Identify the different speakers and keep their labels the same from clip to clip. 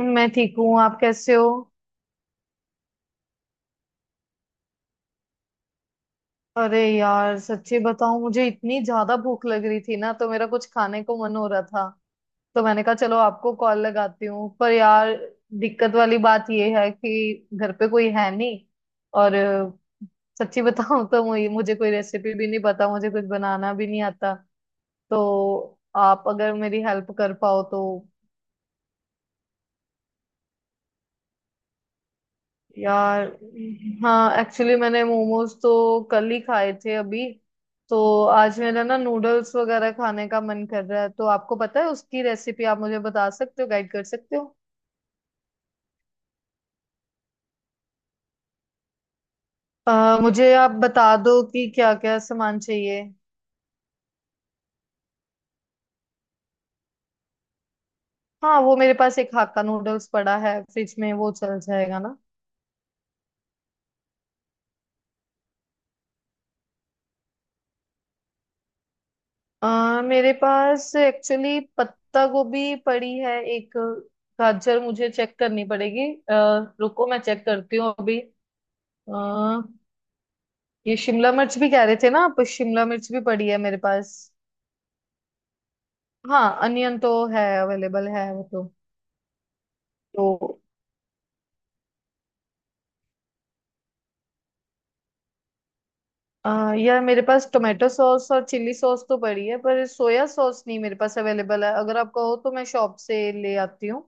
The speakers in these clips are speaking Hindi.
Speaker 1: मैं ठीक हूँ। आप कैसे हो? अरे यार, सच्ची बताऊं, मुझे इतनी ज्यादा भूख लग रही थी ना, तो मेरा कुछ खाने को मन हो रहा था। तो मैंने कहा चलो आपको कॉल लगाती हूँ। पर यार, दिक्कत वाली बात ये है कि घर पे कोई है नहीं। और सच्ची बताऊं तो मुझे मुझे कोई रेसिपी भी नहीं पता, मुझे कुछ बनाना भी नहीं आता। तो आप अगर मेरी हेल्प कर पाओ तो। यार, हाँ, एक्चुअली मैंने मोमोज तो कल ही खाए थे। अभी तो आज मेरा ना नूडल्स वगैरह खाने का मन कर रहा है। तो आपको पता है उसकी रेसिपी? आप मुझे बता सकते हो, गाइड कर सकते हो? मुझे आप बता दो कि क्या क्या सामान चाहिए। हाँ, वो मेरे पास एक हाक्का नूडल्स पड़ा है फ्रिज में, वो चल जाएगा ना? मेरे पास एक्चुअली पत्ता गोभी पड़ी है एक। गाजर मुझे चेक करनी पड़ेगी। रुको मैं चेक करती हूँ अभी। ये शिमला मिर्च भी कह रहे थे ना आप? शिमला मिर्च भी पड़ी है मेरे पास। हाँ, अनियन तो है, अवेलेबल है वो तो। तो यार, मेरे पास टोमेटो सॉस और चिली सॉस तो पड़ी है, पर सोया सॉस नहीं मेरे पास अवेलेबल है। अगर आप कहो तो मैं शॉप से ले आती हूँ।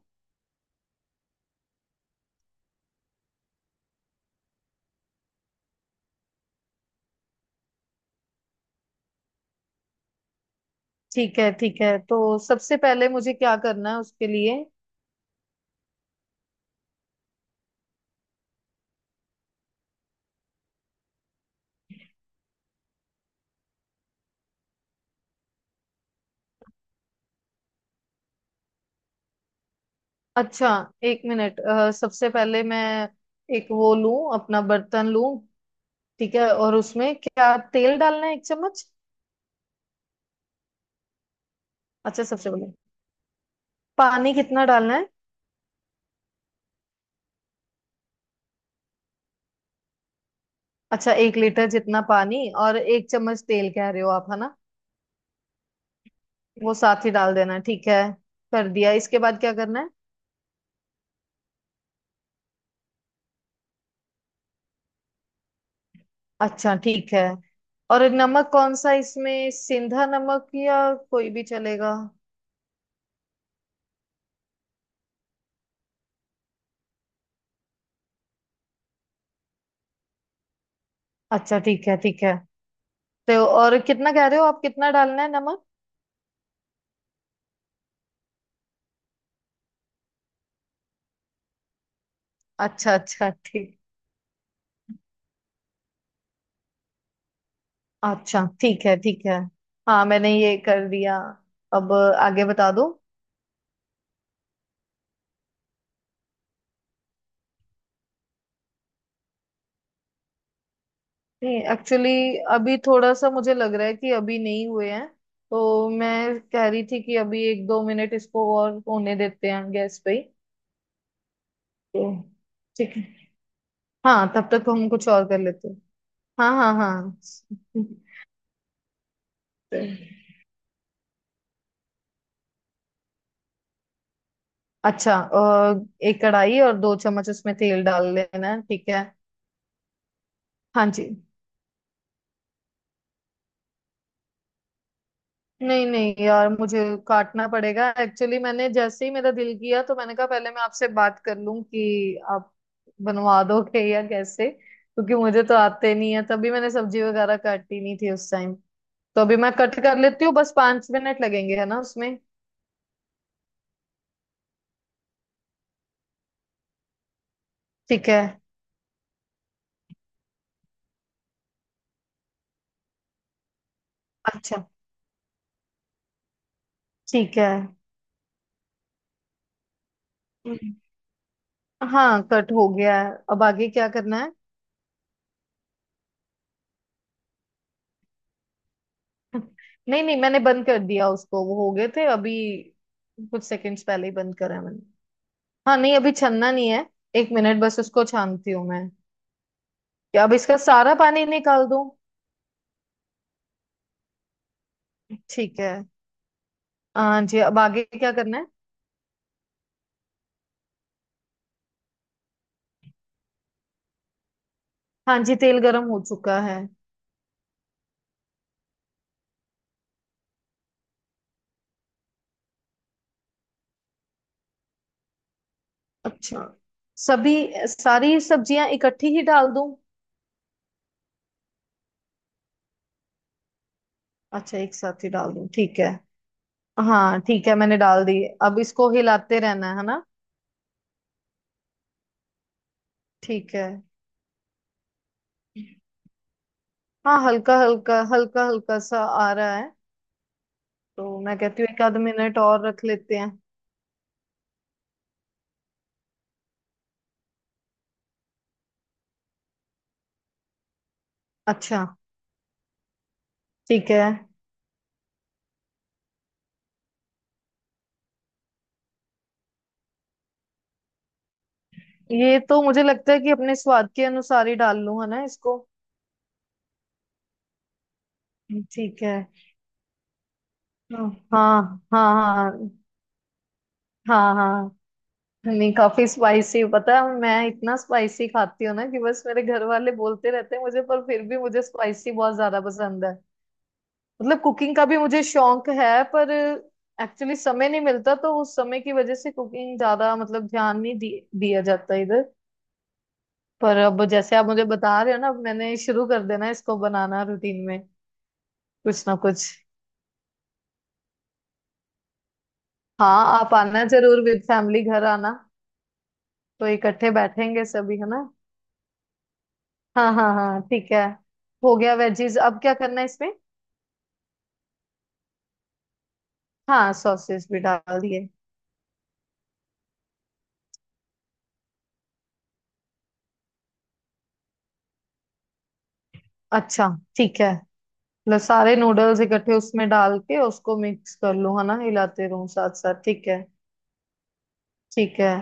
Speaker 1: ठीक है, ठीक है। तो सबसे पहले मुझे क्या करना है उसके लिए? अच्छा। एक मिनट। सबसे पहले मैं एक वो लूं, अपना बर्तन लूं। ठीक है, और उसमें क्या तेल डालना है, 1 चम्मच? अच्छा, सबसे पहले पानी कितना डालना है? अच्छा, 1 लीटर जितना पानी और 1 चम्मच तेल कह रहे हो आप, है ना? वो साथ ही डाल देना है, ठीक है। कर दिया, इसके बाद क्या करना है? अच्छा ठीक है। और नमक कौन सा इसमें, सिंधा नमक या कोई भी चलेगा? अच्छा, ठीक है, ठीक है। तो और कितना कह रहे हो आप, कितना डालना है नमक? अच्छा अच्छा, ठीक। अच्छा, ठीक है, ठीक है। हाँ मैंने ये कर दिया, अब आगे बता दो। नहीं, एक्चुअली अभी थोड़ा सा मुझे लग रहा है कि अभी नहीं हुए हैं। तो मैं कह रही थी कि अभी एक दो मिनट इसको और होने देते हैं गैस पे ही। तो ठीक है। हाँ, तब तक हम कुछ और कर लेते हैं। हाँ हाँ हाँ। अच्छा। एक कढ़ाई और 2 चम्मच उसमें तेल डाल लेना है, ठीक है। हाँ जी। नहीं नहीं यार, मुझे काटना पड़ेगा। एक्चुअली मैंने जैसे ही मेरा दिल किया, तो मैंने कहा पहले मैं आपसे बात कर लूं कि आप बनवा दोगे या कैसे, क्योंकि मुझे तो आते नहीं है। तभी मैंने सब्जी वगैरह काटी नहीं थी उस टाइम। तो अभी मैं कट कर लेती हूँ, बस 5 मिनट लगेंगे, है ना उसमें। ठीक है। अच्छा, ठीक है। हम्म, हाँ, कट हो गया है, अब आगे क्या करना है? नहीं नहीं, मैंने बंद कर दिया उसको, वो हो गए थे अभी। कुछ सेकंड्स पहले ही बंद करा है मैंने। हाँ नहीं, अभी छनना नहीं है। एक मिनट, बस उसको छानती हूँ मैं। क्या अब इसका सारा पानी निकाल दूँ? ठीक है। हाँ जी, अब आगे क्या करना है? हाँ जी, तेल गरम हो चुका है। अच्छा। सभी, सारी सब्जियां इकट्ठी ही डाल दूं? अच्छा, एक साथ ही डाल दूं, ठीक है। हाँ ठीक है, मैंने डाल दी। अब इसको हिलाते रहना है ना? ठीक है। हाँ, हल्का हल्का हल्का हल्का सा आ रहा है। तो मैं कहती हूँ एक आध मिनट और रख लेते हैं। अच्छा ठीक है। ये तो मुझे लगता है कि अपने स्वाद के अनुसार ही डाल लूं, है ना इसको। ठीक है। हाँ हाँ हाँ। हाँ हाँ। नहीं, काफी स्पाइसी पता है। मैं इतना स्पाइसी खाती हूँ ना कि बस मेरे घर वाले बोलते रहते हैं मुझे, पर फिर भी मुझे स्पाइसी बहुत ज्यादा पसंद है। मतलब कुकिंग का भी मुझे शौक है, पर एक्चुअली समय नहीं मिलता। तो उस समय की वजह से कुकिंग ज्यादा मतलब ध्यान नहीं दिया जाता इधर। पर अब जैसे आप मुझे बता रहे हो ना, अब मैंने शुरू कर देना है इसको बनाना रूटीन में। कुछ ना कुछ। हाँ, आप आना जरूर, विद फैमिली घर आना। तो इकट्ठे बैठेंगे सभी, है ना? हाँ हाँ हाँ, ठीक है। हो गया वेजीज, अब क्या करना है इसमें? हाँ, सॉसेस भी डाल दिए। अच्छा, ठीक है। लो, सारे नूडल्स इकट्ठे उसमें डाल के उसको मिक्स कर लूँ, है ना, हिलाते रहूँ साथ साथ, ठीक है। ठीक है।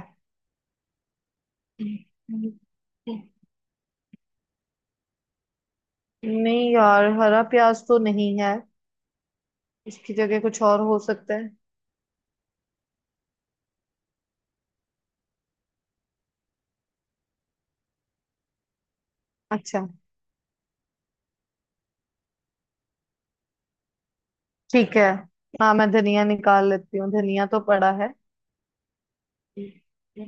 Speaker 1: नहीं यार, हरा प्याज तो नहीं है। इसकी जगह कुछ और हो सकता है? अच्छा, ठीक है। हाँ, मैं धनिया निकाल लेती हूँ, धनिया तो पड़ा है।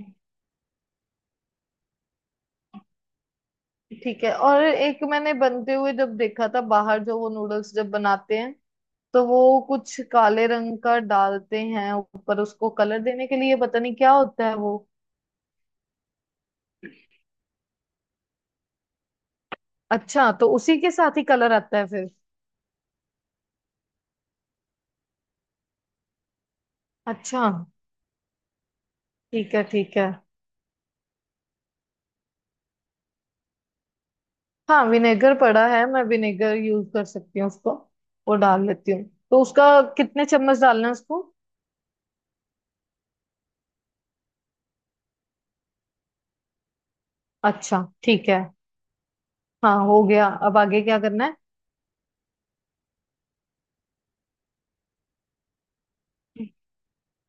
Speaker 1: ठीक है। और एक, मैंने बनते हुए जब देखा था बाहर, जो वो नूडल्स जब बनाते हैं, तो वो कुछ काले रंग का डालते हैं ऊपर उसको कलर देने के लिए। पता नहीं क्या होता है वो। अच्छा, तो उसी के साथ ही कलर आता है फिर। अच्छा, ठीक है, ठीक है। हाँ विनेगर पड़ा है, मैं विनेगर यूज कर सकती हूँ उसको। वो डाल लेती हूँ। तो उसका कितने चम्मच डालना है उसको? अच्छा, ठीक है। हाँ हो गया, अब आगे क्या करना है?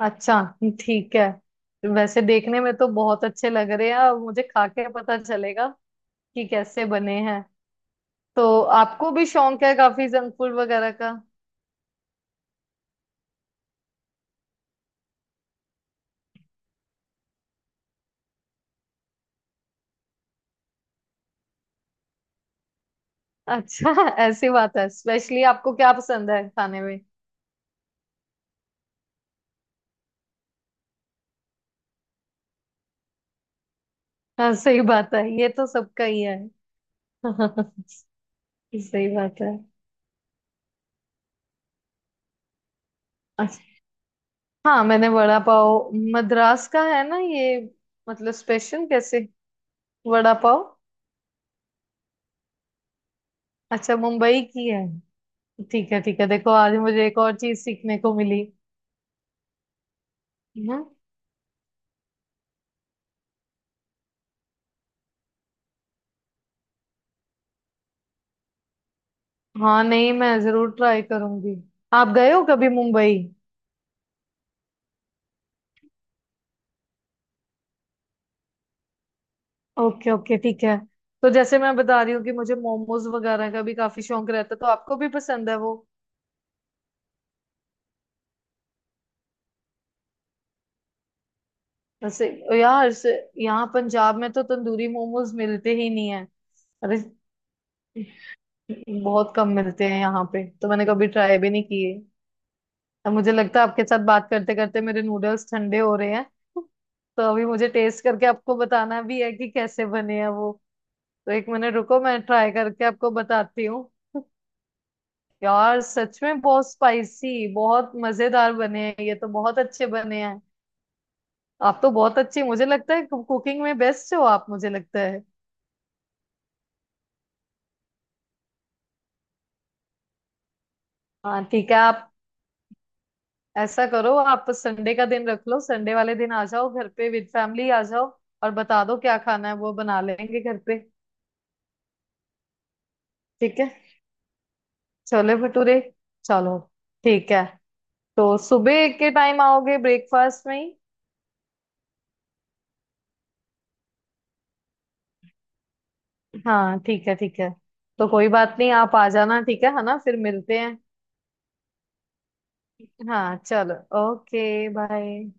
Speaker 1: अच्छा, ठीक है। वैसे देखने में तो बहुत अच्छे लग रहे हैं, और मुझे खा के पता चलेगा कि कैसे बने हैं। तो आपको भी शौक है काफी जंक फूड वगैरह का? अच्छा। ऐसी बात है? स्पेशली आपको क्या पसंद है खाने में? हाँ सही बात है, ये तो सबका ही है। सही बात है। अच्छा। हाँ मैंने वड़ा पाव। मद्रास का है ना ये? मतलब स्पेशल कैसे वड़ा पाव? अच्छा, मुंबई की है। ठीक है, ठीक है। देखो आज मुझे एक और चीज सीखने को मिली है। हाँ नहीं, मैं जरूर ट्राई करूंगी। आप गए हो कभी मुंबई? ओके ओके, ठीक है। तो जैसे मैं बता रही हूँ कि मुझे मोमोज वगैरह का भी काफी शौक रहता है, तो आपको भी पसंद है वो? वैसे यार, यहाँ पंजाब में तो तंदूरी मोमोज मिलते ही नहीं है। अरे, बहुत कम मिलते हैं यहाँ पे, तो मैंने कभी ट्राई भी नहीं किए। अब मुझे लगता है आपके साथ बात करते करते मेरे नूडल्स ठंडे हो रहे हैं। तो अभी मुझे टेस्ट करके आपको बताना भी है कि कैसे बने हैं वो। तो एक मिनट रुको, मैं ट्राई करके आपको बताती हूँ। यार सच में बहुत स्पाइसी, बहुत मजेदार बने हैं। ये तो बहुत अच्छे बने हैं। आप तो बहुत अच्छे, मुझे लगता है कुकिंग में बेस्ट हो आप, मुझे लगता है। हाँ ठीक है। आप ऐसा करो, आप संडे का दिन रख लो। संडे वाले दिन आ जाओ घर पे, विद फैमिली आ जाओ। और बता दो क्या खाना है, वो बना लेंगे घर पे। ठीक है, छोले भटूरे। चलो ठीक है। तो सुबह के टाइम आओगे ब्रेकफास्ट में ही? हाँ ठीक है, ठीक है। तो कोई बात नहीं, आप आ जाना। ठीक है ना? फिर मिलते हैं। हाँ चलो। Okay bye.